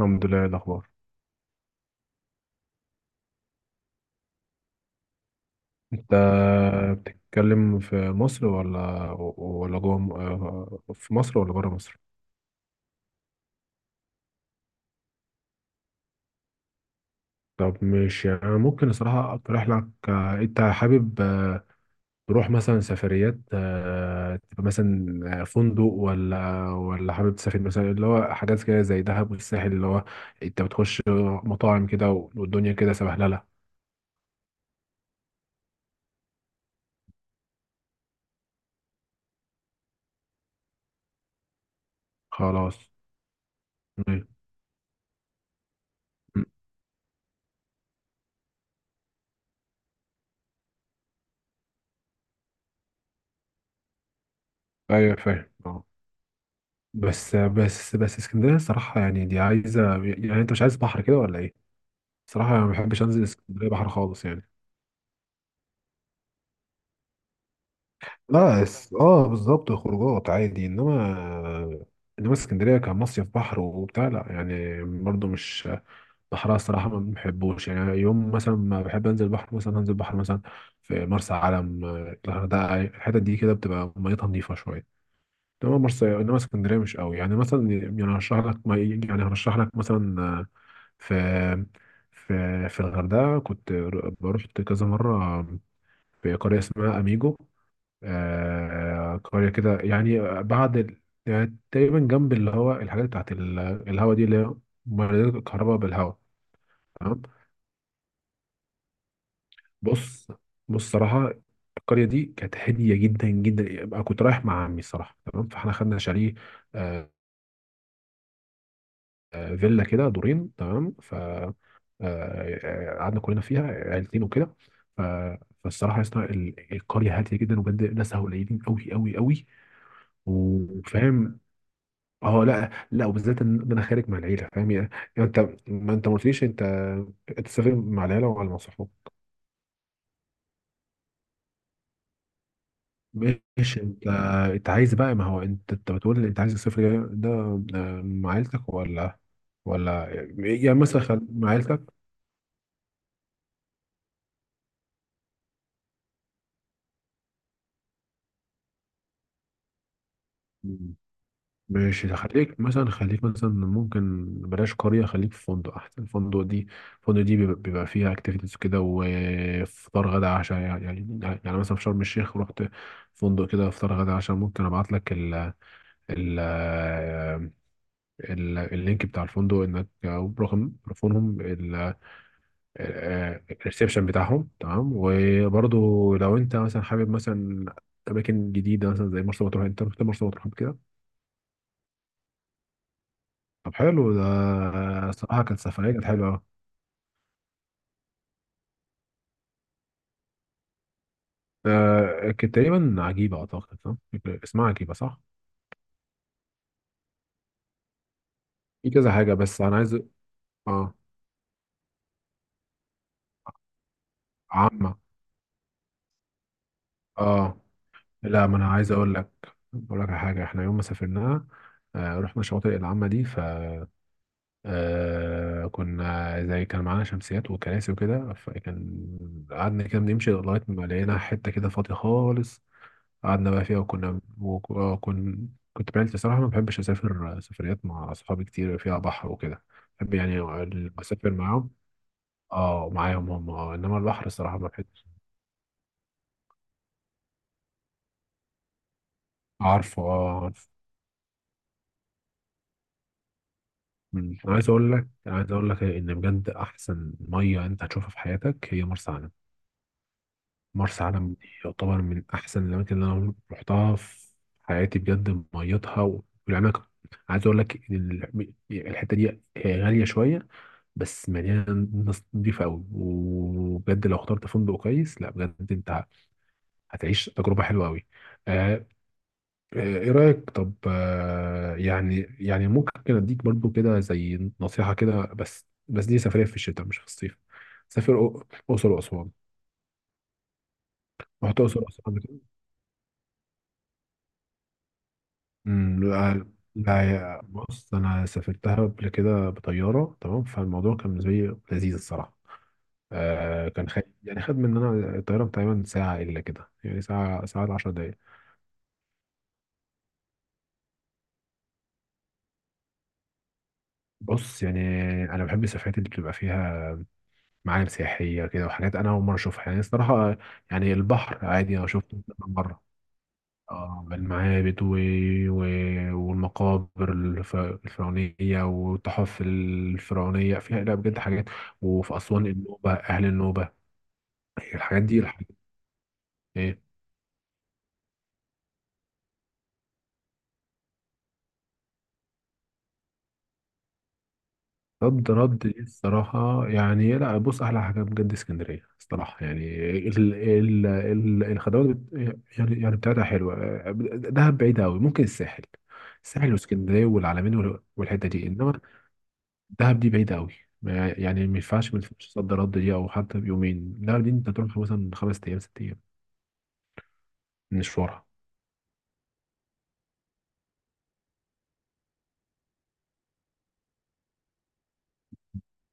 الحمد لله. إيه الأخبار؟ أنت بتتكلم في مصر ولا جوه في مصر ولا بره مصر؟ طب مش يعني ممكن الصراحة أقترح لك، أنت حابب تروح مثلا سفريات، تبقى مثلا فندق ولا حابب تسافر مثلا اللي هو حاجات كده زي دهب والساحل، اللي هو أنت بتخش مطاعم كده، والدنيا كده سبهللة. خلاص. م- م- أيوه، فاهم آه. بس بس بس، اسكندريه الصراحه يعني دي عايزه، يعني انت مش عايز بحر كده ولا ايه؟ الصراحه انا ما بحبش انزل اسكندريه بحر خالص يعني. لا، اه بالظبط، خروجات عادي، انما اسكندريه كمصيف بحر وبتاع، لا يعني برضو مش بحرها الصراحه، ما بحبوش يعني. يوم مثلا ما بحب انزل بحر، مثلا هنزل بحر مثلا في مرسى علم، الغردقه، الحتت دي كده بتبقى ميتها نظيفه شويه. انما مرسى، انما اسكندريه مش قوي، يعني مثلا يعني هرشح لك ما يعني هرشح لك مثلا، في في الغردقه كنت بروح كذا مره في قريه اسمها اميجو، قريه كده، يعني بعد يعني تقريبا جنب اللي هو الحاجات بتاعت الهوا دي، اللي هي مولدات الكهرباء بالهوا. تمام. بص بص، صراحه القريه دي كانت هاديه جدا جدا. أنا كنت رايح مع عمي الصراحه، تمام، فاحنا خدنا شاليه، آه، فيلا كده دورين، تمام. ف آه، آه، قعدنا كلنا فيها عيلتين وكده. ف... فالصراحه يا اسطى، القريه هاديه جدا، وبجد ناسها قليلين قوي قوي قوي، وفاهم. اه لا لا، وبالذات إن انا خارج مع العيله، فاهم يعني. يعني انت ما قلتليش، انت سافر مع العيله ولا مع صحابك؟ ماشي. انت عايز بقى، ما هو انت بتقول لي انت عايز السفر ده، مع عيلتك ولا ولا يعني مثلا، مع عيلتك. ماشي، ده خليك مثلا ممكن بلاش قرية، خليك في فندق أحسن. الفندق دي بيبقى فيها أكتيفيتيز كده، وفطار غدا عشاء، يعني مثلا في شرم الشيخ رحت فندق كده فطار غدا عشاء، ممكن أبعت لك ال ال ال اللينك بتاع الفندق، إنك أو رقم تليفونهم، الريسبشن بتاعهم، تمام. وبرضه لو أنت مثلا حابب مثلا أماكن جديدة، مثلا زي مرسى مطروح. أنت رحت مرسى مطروح قبل كده؟ طب حلو، ده صراحة كانت سفرية، كانت حلوة أوي. كانت تقريبا عجيبة، أعتقد صح؟ اسمها عجيبة صح؟ في كذا حاجة، بس أنا عايز، آه عامة. آه لا، ما أنا عايز أقول لك على حاجة، إحنا يوم ما سافرناها رحنا الشواطئ العامة دي. ف آه كنا زي كان معانا شمسيات وكراسي وكده، فكان قعدنا كده بنمشي لغاية ما لقينا حتة كده فاضية خالص، قعدنا بقى فيها، وكنا وكن كنت بعيلتي صراحة. ما بحبش أسافر سفريات مع صحابي كتير فيها بحر وكده، بحب يعني أسافر معاهم. اه معاهم هم، اه إنما البحر الصراحة ما بحبش. عارفه اه عارف. أمم. أنا عايز أقول لك إن بجد أحسن مية أنت هتشوفها في حياتك هي مرسى علم. مرسى علم دي يعتبر من أحسن الأماكن اللي أنا رحتها في حياتي، بجد ميتها والعناكب. عايز أقول لك إن الحتة دي هي غالية شوية، بس مليانه ناس نضيفه قوي. وبجد لو اخترت فندق كويس، لا بجد انت هتعيش تجربه حلوه قوي. آه ايه رايك؟ طب، يعني ممكن اديك برضو كده زي نصيحه كده. بس بس، دي سفريه في الشتاء مش في الصيف. سافر، اقصر واسوان. رحت اقصر واسوان قبل كده؟ أمم، لا لا، بص انا سافرتها قبل كده بطياره، تمام، فالموضوع كان بالنسبه لي لذيذ الصراحه. كان خد، يعني خد مننا الطيارة تقريبا ساعة إلا كده، يعني ساعة 10 دقايق. بص يعني أنا بحب السفرات اللي بتبقى فيها معالم سياحية كده، وحاجات أنا أول مرة أشوفها، يعني الصراحة. يعني البحر عادي، أنا شفته كذا مرة. المعابد و... والمقابر الفرعونية، والتحف الفرعونية فيها، لا بجد حاجات. وفي أسوان النوبة، أهل النوبة، الحاجات دي الحاجات. رد رد دي الصراحة يعني، لا بص أحلى حاجة بجد اسكندرية الصراحة يعني، ال ال ال الخدمات، يعني بتاعتها حلوة. دهب بعيدة أوي، ممكن الساحل واسكندرية والعلمين والحتة دي، إنما دهب دي بعيدة أوي، يعني ما ينفعش صد رد دي، أو حتى بيومين، لا دي أنت تروح مثلا 5 أيام، 6 أيام من مشوارها.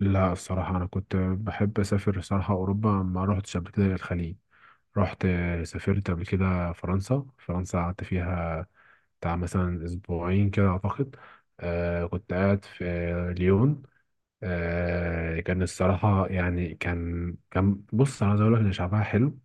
لا، الصراحة أنا كنت بحب أسافر، الصراحة أوروبا ما رحتش قبل كده الخليج. رحت سافرت قبل كده فرنسا، فرنسا قعدت فيها بتاع مثلا أسبوعين كده أعتقد. كنت قاعد في ليون. كان الصراحة يعني كان بص، أنا عايز أقول لك إن شعبها حلو،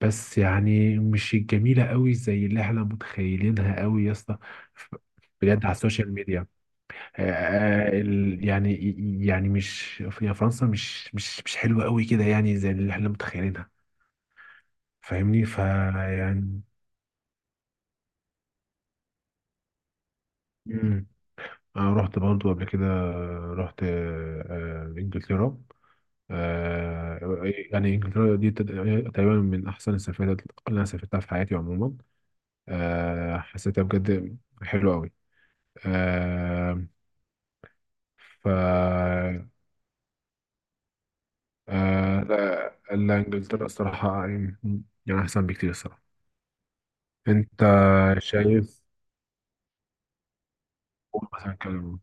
بس يعني مش جميلة قوي زي اللي احنا متخيلينها قوي يا اسطى. ف- بجد على السوشيال ميديا آه آه، ال- يعني يعني مش، في فرنسا مش مش حلوة قوي كده يعني زي اللي احنا متخيلينها. فاهمني فيعني، أنا رحت برضو قبل كده، رحت، إنجلترا. إيه، يعني إنجلترا دي تقريبا من أحسن السفرات اللي أنا سافرتها في حياتي عموما. حسيتها بجد حلوة أوي. آه، ف آه، لا لا، إنجلترا الصراحة يعني أحسن بكتير الصراحة. أنت شايف. قول مثلا كلام.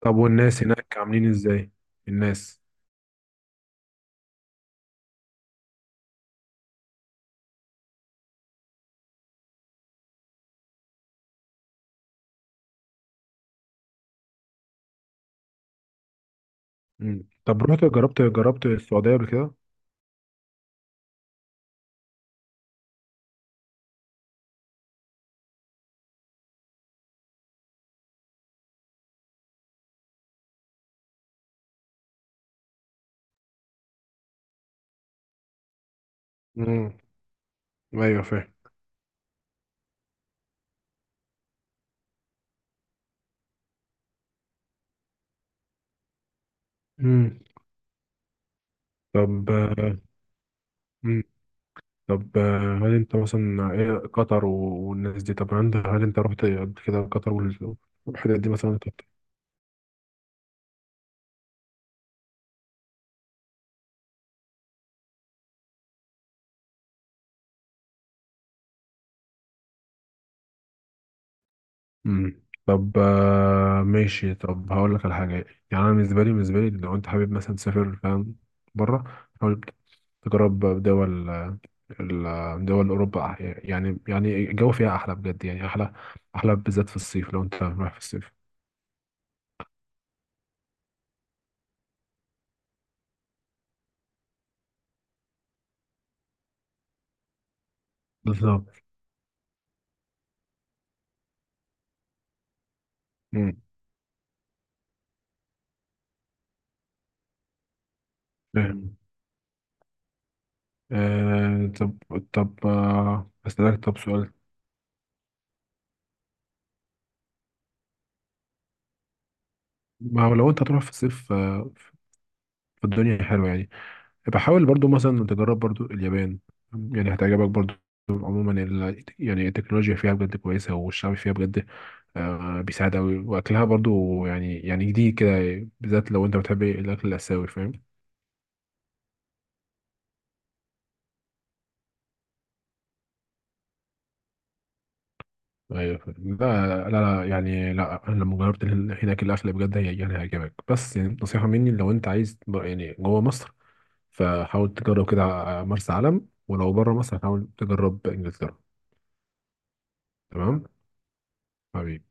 طب، والناس هناك عاملين إزاي؟ الناس. مم. طب رحت، جربت السعودية قبل كده؟ ايوه فاهم. مم. طب مم. طب، هل انت مثلا، ايه قطر والناس دي، طب عندها، هل انت رحت قبل كده قطر والحاجات دي مثلا؟ طب. مم. طب ماشي، طب هقول لك على حاجه. يعني انا بالنسبه لي لو انت حابب مثلا تسافر، فاهم، بره حاول تجرب دول، دول اوروبا، يعني الجو فيها احلى بجد، يعني احلى احلى بالذات في الصيف، لو انت رايح في الصيف. بالظبط. مم. فاهم. آه طب طب أسألك طب سؤال. ما هو لو أنت هتروح في الصيف، في الدنيا حلوة يعني، يبقى حاول برضو مثلا تجرب برضو اليابان، يعني هتعجبك برضو. عموما يعني التكنولوجيا فيها بجد كويسة، والشعب فيها بجد بيساعد أوي، وأكلها برضو يعني جديد كده، بالذات لو أنت بتحب الأكل الآسيوي، فاهم. ايوه فاهم. لا لا لا، يعني لا، انا لما جربت هناك الاكل بجد يعني هيعجبك. بس يعني نصيحه مني، لو انت عايز يعني جوه مصر، فحاول تجرب كده مرسى علم. ولو بره مصر، حاول تجرب انجلترا. تمام. حبيبي.